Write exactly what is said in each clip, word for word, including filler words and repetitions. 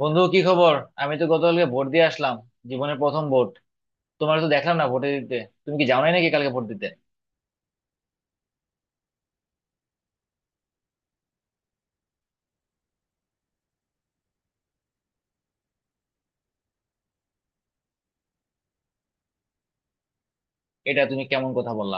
বন্ধু, কি খবর? আমি তো গতকালকে ভোট দিয়ে আসলাম। জীবনের প্রথম ভোট। তোমার তো দেখলাম না ভোটে দিতে। তুমি কি যাও নাই নাকি কালকে ভোট দিতে? এটা তুমি কেমন কথা বললা?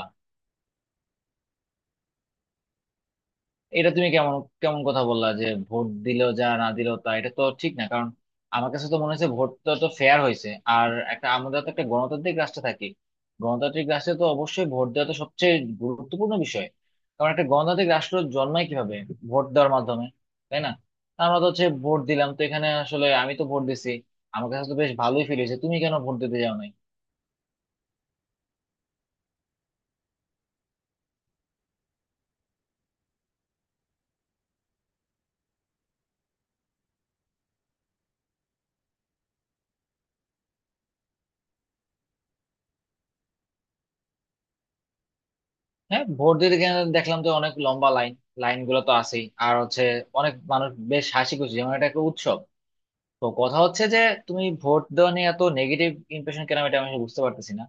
এটা তুমি কেমন কেমন কথা বললা যে ভোট দিলেও যা না দিলেও তা, এটা তো ঠিক না। কারণ আমার কাছে তো মনে হচ্ছে ভোটটা তো ফেয়ার হয়েছে, আর একটা আমরা তো একটা গণতান্ত্রিক রাষ্ট্রে থাকি। গণতান্ত্রিক রাষ্ট্রে তো অবশ্যই ভোট দেওয়া তো সবচেয়ে গুরুত্বপূর্ণ বিষয়। কারণ একটা গণতান্ত্রিক রাষ্ট্র জন্মায় কিভাবে? ভোট দেওয়ার মাধ্যমে, তাই না? তা আমরা তো হচ্ছে ভোট দিলাম, তো এখানে আসলে আমি তো ভোট দিছি। আমার কাছে তো বেশ ভালোই ফিল হয়েছে। তুমি কেন ভোট দিতে যাও নাই? হ্যাঁ, ভোট দিতে গেলে দেখলাম তো অনেক লম্বা লাইন। লাইন গুলো তো আছেই, আর হচ্ছে অনেক মানুষ বেশ হাসি খুশি, যেমন এটা একটা উৎসব। তো কথা হচ্ছে যে তুমি ভোট দেওয়া নিয়ে এত নেগেটিভ ইমপ্রেশন কেন, এটা আমি আসলে বুঝতে পারতেছি না।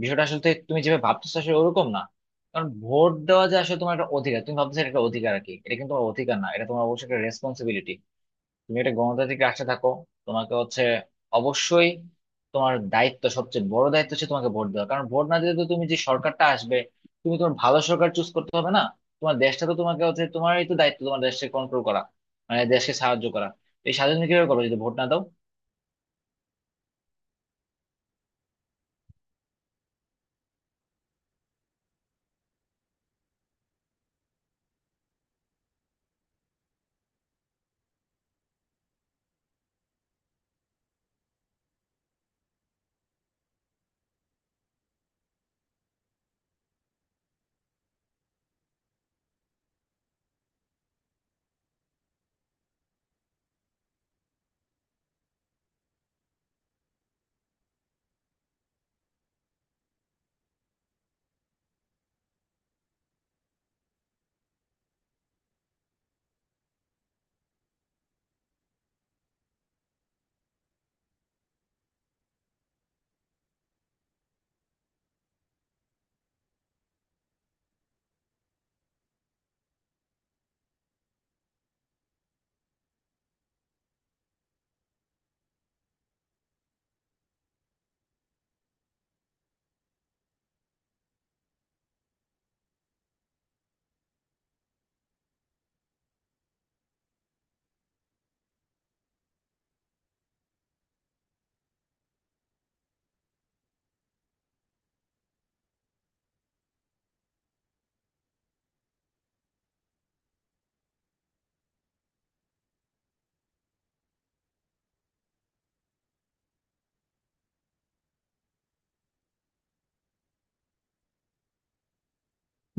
বিষয়টা আসলে তো তুমি যেভাবে ভাবতেছো আসলে ওরকম না। কারণ ভোট দেওয়া যে আসলে তোমার একটা অধিকার, তুমি ভাবতেছো এটা একটা অধিকার আর কি, এটা কিন্তু তোমার অধিকার না, এটা তোমার অবশ্যই একটা রেসপন্সিবিলিটি। তুমি একটা গণতান্ত্রিক রাষ্ট্রে থাকো, তোমাকে হচ্ছে অবশ্যই তোমার দায়িত্ব, সবচেয়ে বড় দায়িত্ব হচ্ছে তোমাকে ভোট দেওয়া। কারণ ভোট না দিলে তো তুমি যে সরকারটা আসবে, তুমি তোমার ভালো সরকার চুজ করতে হবে না? তোমার দেশটা তো তোমাকে হচ্ছে, তোমারই তো দায়িত্ব তোমার দেশকে কন্ট্রোল করা, মানে দেশকে সাহায্য করা। এই স্বাধীন কিভাবে করবে যদি ভোট না দাও?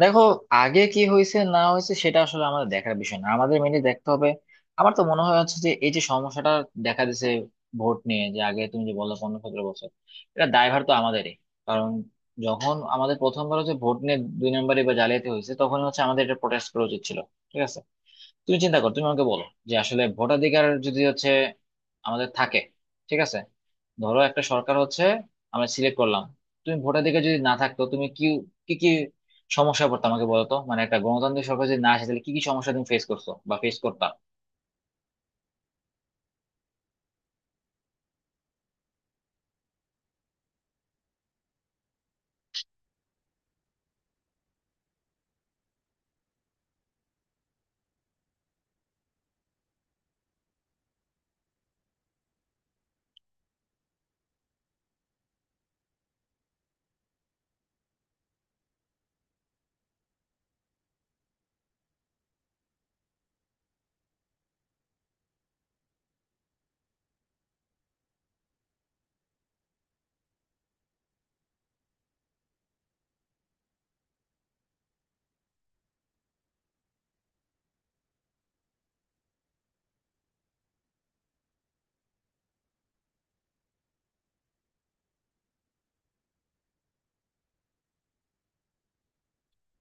দেখো, আগে কি হয়েছে না হয়েছে সেটা আসলে আমাদের দেখার বিষয় না, আমাদের মেনে দেখতে হবে। আমার তো মনে হয় হচ্ছে যে এই যে সমস্যাটা দেখা দিছে ভোট নিয়ে, যে আগে তুমি যে বললে পনেরো সতেরো বছর, এটা দায়ভার তো আমাদেরই। কারণ যখন আমাদের প্রথমবার হচ্ছে ভোট নিয়ে দুই নম্বরে বা জালিয়াতি হয়েছে তখন হচ্ছে আমাদের এটা প্রোটেস্ট করা উচিত ছিল। ঠিক আছে, তুমি চিন্তা কর, তুমি আমাকে বলো যে আসলে ভোটাধিকার যদি হচ্ছে আমাদের থাকে, ঠিক আছে, ধরো একটা সরকার হচ্ছে আমরা সিলেক্ট করলাম, তুমি ভোটাধিকার যদি না থাকতো তুমি কি কি কি সমস্যা পড়তো আমাকে বলো তো। মানে একটা গণতান্ত্রিক সরকার যদি না আসে তাহলে কি কি সমস্যা তুমি ফেস করছো বা ফেস করতা?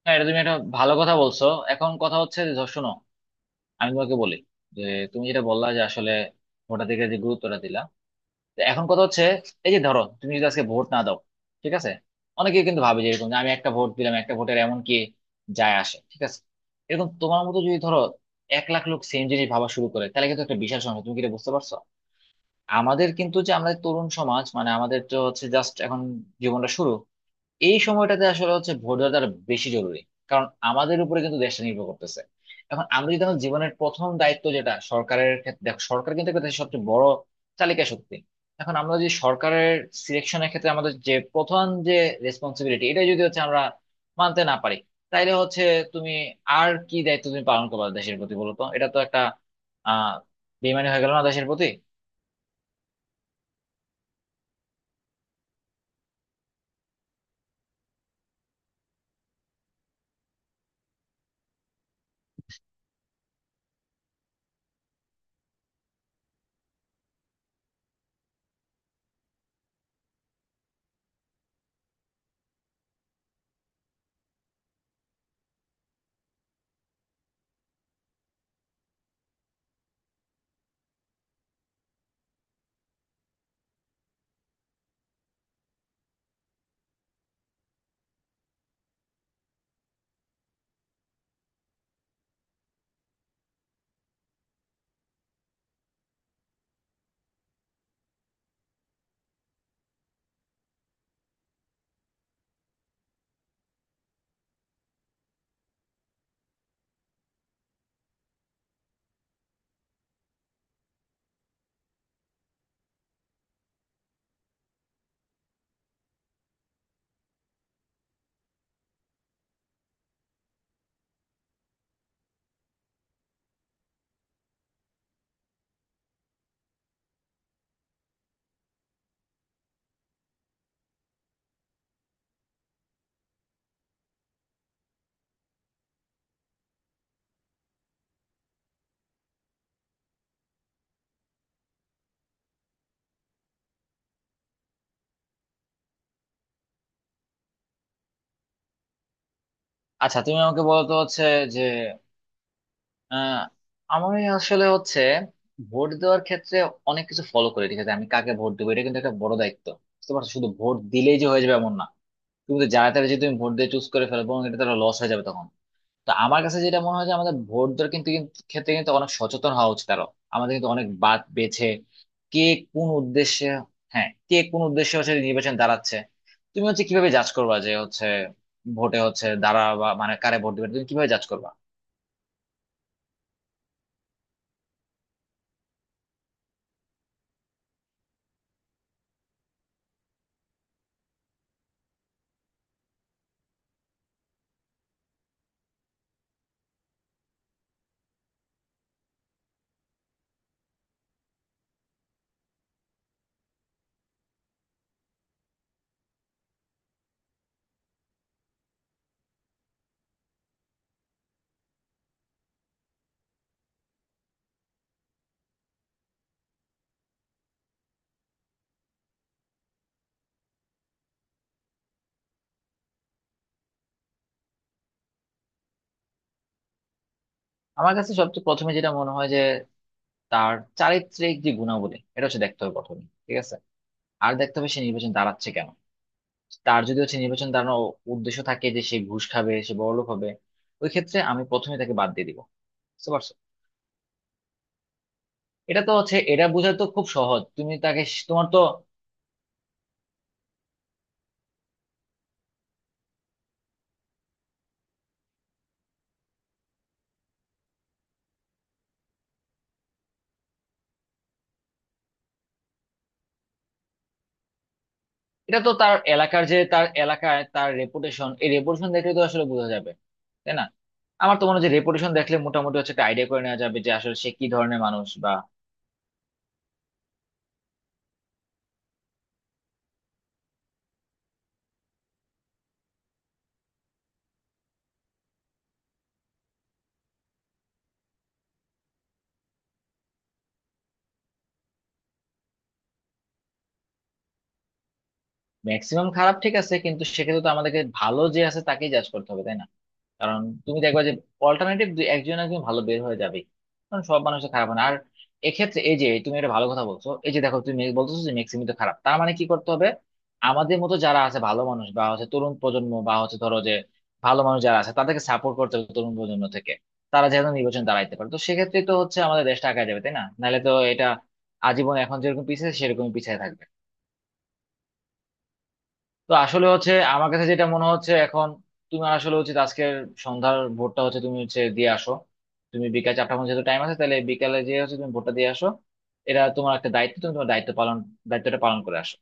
হ্যাঁ, এটা তুমি একটা ভালো কথা বলছো। এখন কথা হচ্ছে যে ধর, শোনো, আমি তোমাকে বলি যে তুমি যেটা বললা যে আসলে ভোটাধিকার যে গুরুত্বটা দিলা। তো এখন কথা হচ্ছে, এই যে ধরো তুমি যদি আজকে ভোট না দাও, ঠিক আছে, অনেকে কিন্তু ভাবে যে এরকম যে আমি একটা ভোট দিলাম, একটা ভোটের এমন কি যায় আসে, ঠিক আছে, এরকম তোমার মতো যদি ধরো এক লাখ লোক সেম জিনিস ভাবা শুরু করে তাহলে কিন্তু একটা বিশাল সমস্যা। তুমি কি এটা বুঝতে পারছো? আমাদের কিন্তু, যে আমরা তরুণ সমাজ, মানে আমাদের তো হচ্ছে জাস্ট এখন জীবনটা শুরু। এই সময়টাতে আসলে হচ্ছে ভোট দেওয়াটা আরো বেশি জরুরি। কারণ আমাদের উপরে কিন্তু দেশটা নির্ভর করতেছে। এখন আমরা যদি আমাদের জীবনের প্রথম দায়িত্ব যেটা সরকারের ক্ষেত্রে, দেখো সরকার কিন্তু একটা দেশের সবচেয়ে বড় চালিকা শক্তি। এখন আমরা যদি সরকারের সিলেকশনের ক্ষেত্রে আমাদের যে প্রথম যে রেসপন্সিবিলিটি, এটা যদি হচ্ছে আমরা মানতে না পারি তাইলে হচ্ছে তুমি আর কি দায়িত্ব তুমি পালন করবে দেশের প্রতি বলো তো, এটা তো একটা আহ বেইমানি হয়ে গেল না দেশের প্রতি? আচ্ছা তুমি আমাকে বলো তো হচ্ছে যে আহ আমার আসলে হচ্ছে ভোট দেওয়ার ক্ষেত্রে অনেক কিছু ফলো করে। ঠিক আছে, আমি কাকে ভোট দেবো এটা কিন্তু একটা বড় দায়িত্ব। বুঝতে পারছো, শুধু ভোট দিলেই যে হয়ে যাবে এমন না। তুমি তো যারা তারা যদি তুমি ভোট দিয়ে চুজ করে ফেলবো এটা তারা লস হয়ে যাবে তখন। তো আমার কাছে যেটা মনে হয় যে আমাদের ভোট দেওয়ার কিন্তু কিন্তু ক্ষেত্রে কিন্তু অনেক সচেতন হওয়া উচিত আরো। আমাদের কিন্তু অনেক বাদ বেছে, কে কোন উদ্দেশ্যে। হ্যাঁ, কে কোন উদ্দেশ্যে হচ্ছে নির্বাচন দাঁড়াচ্ছে। তুমি হচ্ছে কিভাবে জাজ করবা যে হচ্ছে ভোটে হচ্ছে দাঁড়া, বা মানে কারে ভোট দিবে তুমি কিভাবে জাজ করবা? আমার কাছে সবচেয়ে প্রথমে যেটা মনে হয়, তার চারিত্রিক যে গুণাবলী, এটা হচ্ছে দেখতে হবে প্রথমে, ঠিক আছে। আর দেখতে হবে সে নির্বাচন দাঁড়াচ্ছে কেন। তার যদি হচ্ছে নির্বাচন দাঁড়ানোর উদ্দেশ্য থাকে যে সে ঘুষ খাবে, সে বড়লোক হবে, ওই ক্ষেত্রে আমি প্রথমে তাকে বাদ দিয়ে দিব। বুঝতে পারছো, এটা তো হচ্ছে, এটা বোঝা তো খুব সহজ। তুমি তাকে, তোমার তো, এটা তো তার এলাকার যে তার এলাকায় তার রেপুটেশন, এই রেপুটেশন দেখলে তো আসলে বোঝা যাবে, তাই না? আমার তো মনে হয় যে রেপুটেশন দেখলে মোটামুটি হচ্ছে একটা আইডিয়া করে নেওয়া যাবে যে আসলে সে কি ধরনের মানুষ বা ম্যাক্সিমাম খারাপ। ঠিক আছে, কিন্তু সেক্ষেত্রে তো আমাদেরকে ভালো যে আছে তাকেই জাজ করতে হবে, তাই না? কারণ তুমি দেখবা যে অল্টারনেটিভ দুই একজন একজন ভালো বের হয়ে যাবে। কারণ সব মানুষের খারাপ হয় না। আর এক্ষেত্রে এই যে তুমি একটা ভালো কথা বলছো, এই যে দেখো তুমি মে- বলতেছো যে মেক্সিমি তো খারাপ, তার মানে কি করতে হবে? আমাদের মতো যারা আছে ভালো মানুষ, বা হচ্ছে তরুণ প্রজন্ম, বা হচ্ছে ধরো যে ভালো মানুষ যারা আছে তাদেরকে সাপোর্ট করতে হবে তরুণ প্রজন্ম থেকে। তারা যেন নির্বাচন দাঁড়াইতে পারে, তো সেক্ষেত্রে তো হচ্ছে আমাদের দেশটা আগায় যাবে, তাই না? নাহলে তো এটা আজীবন এখন যেরকম পিছিয়ে সেরকম পিছিয়ে থাকবে। তো আসলে হচ্ছে আমার কাছে যেটা মনে হচ্ছে এখন, তুমি আসলে উচিত আজকের সন্ধ্যার ভোটটা হচ্ছে তুমি হচ্ছে দিয়ে আসো। তুমি বিকাল চারটার মধ্যে যেহেতু টাইম আছে, তাহলে বিকালে যে হচ্ছে তুমি ভোটটা দিয়ে আসো। এটা তোমার একটা দায়িত্ব, তুমি তোমার দায়িত্ব পালন, দায়িত্বটা পালন করে আসো।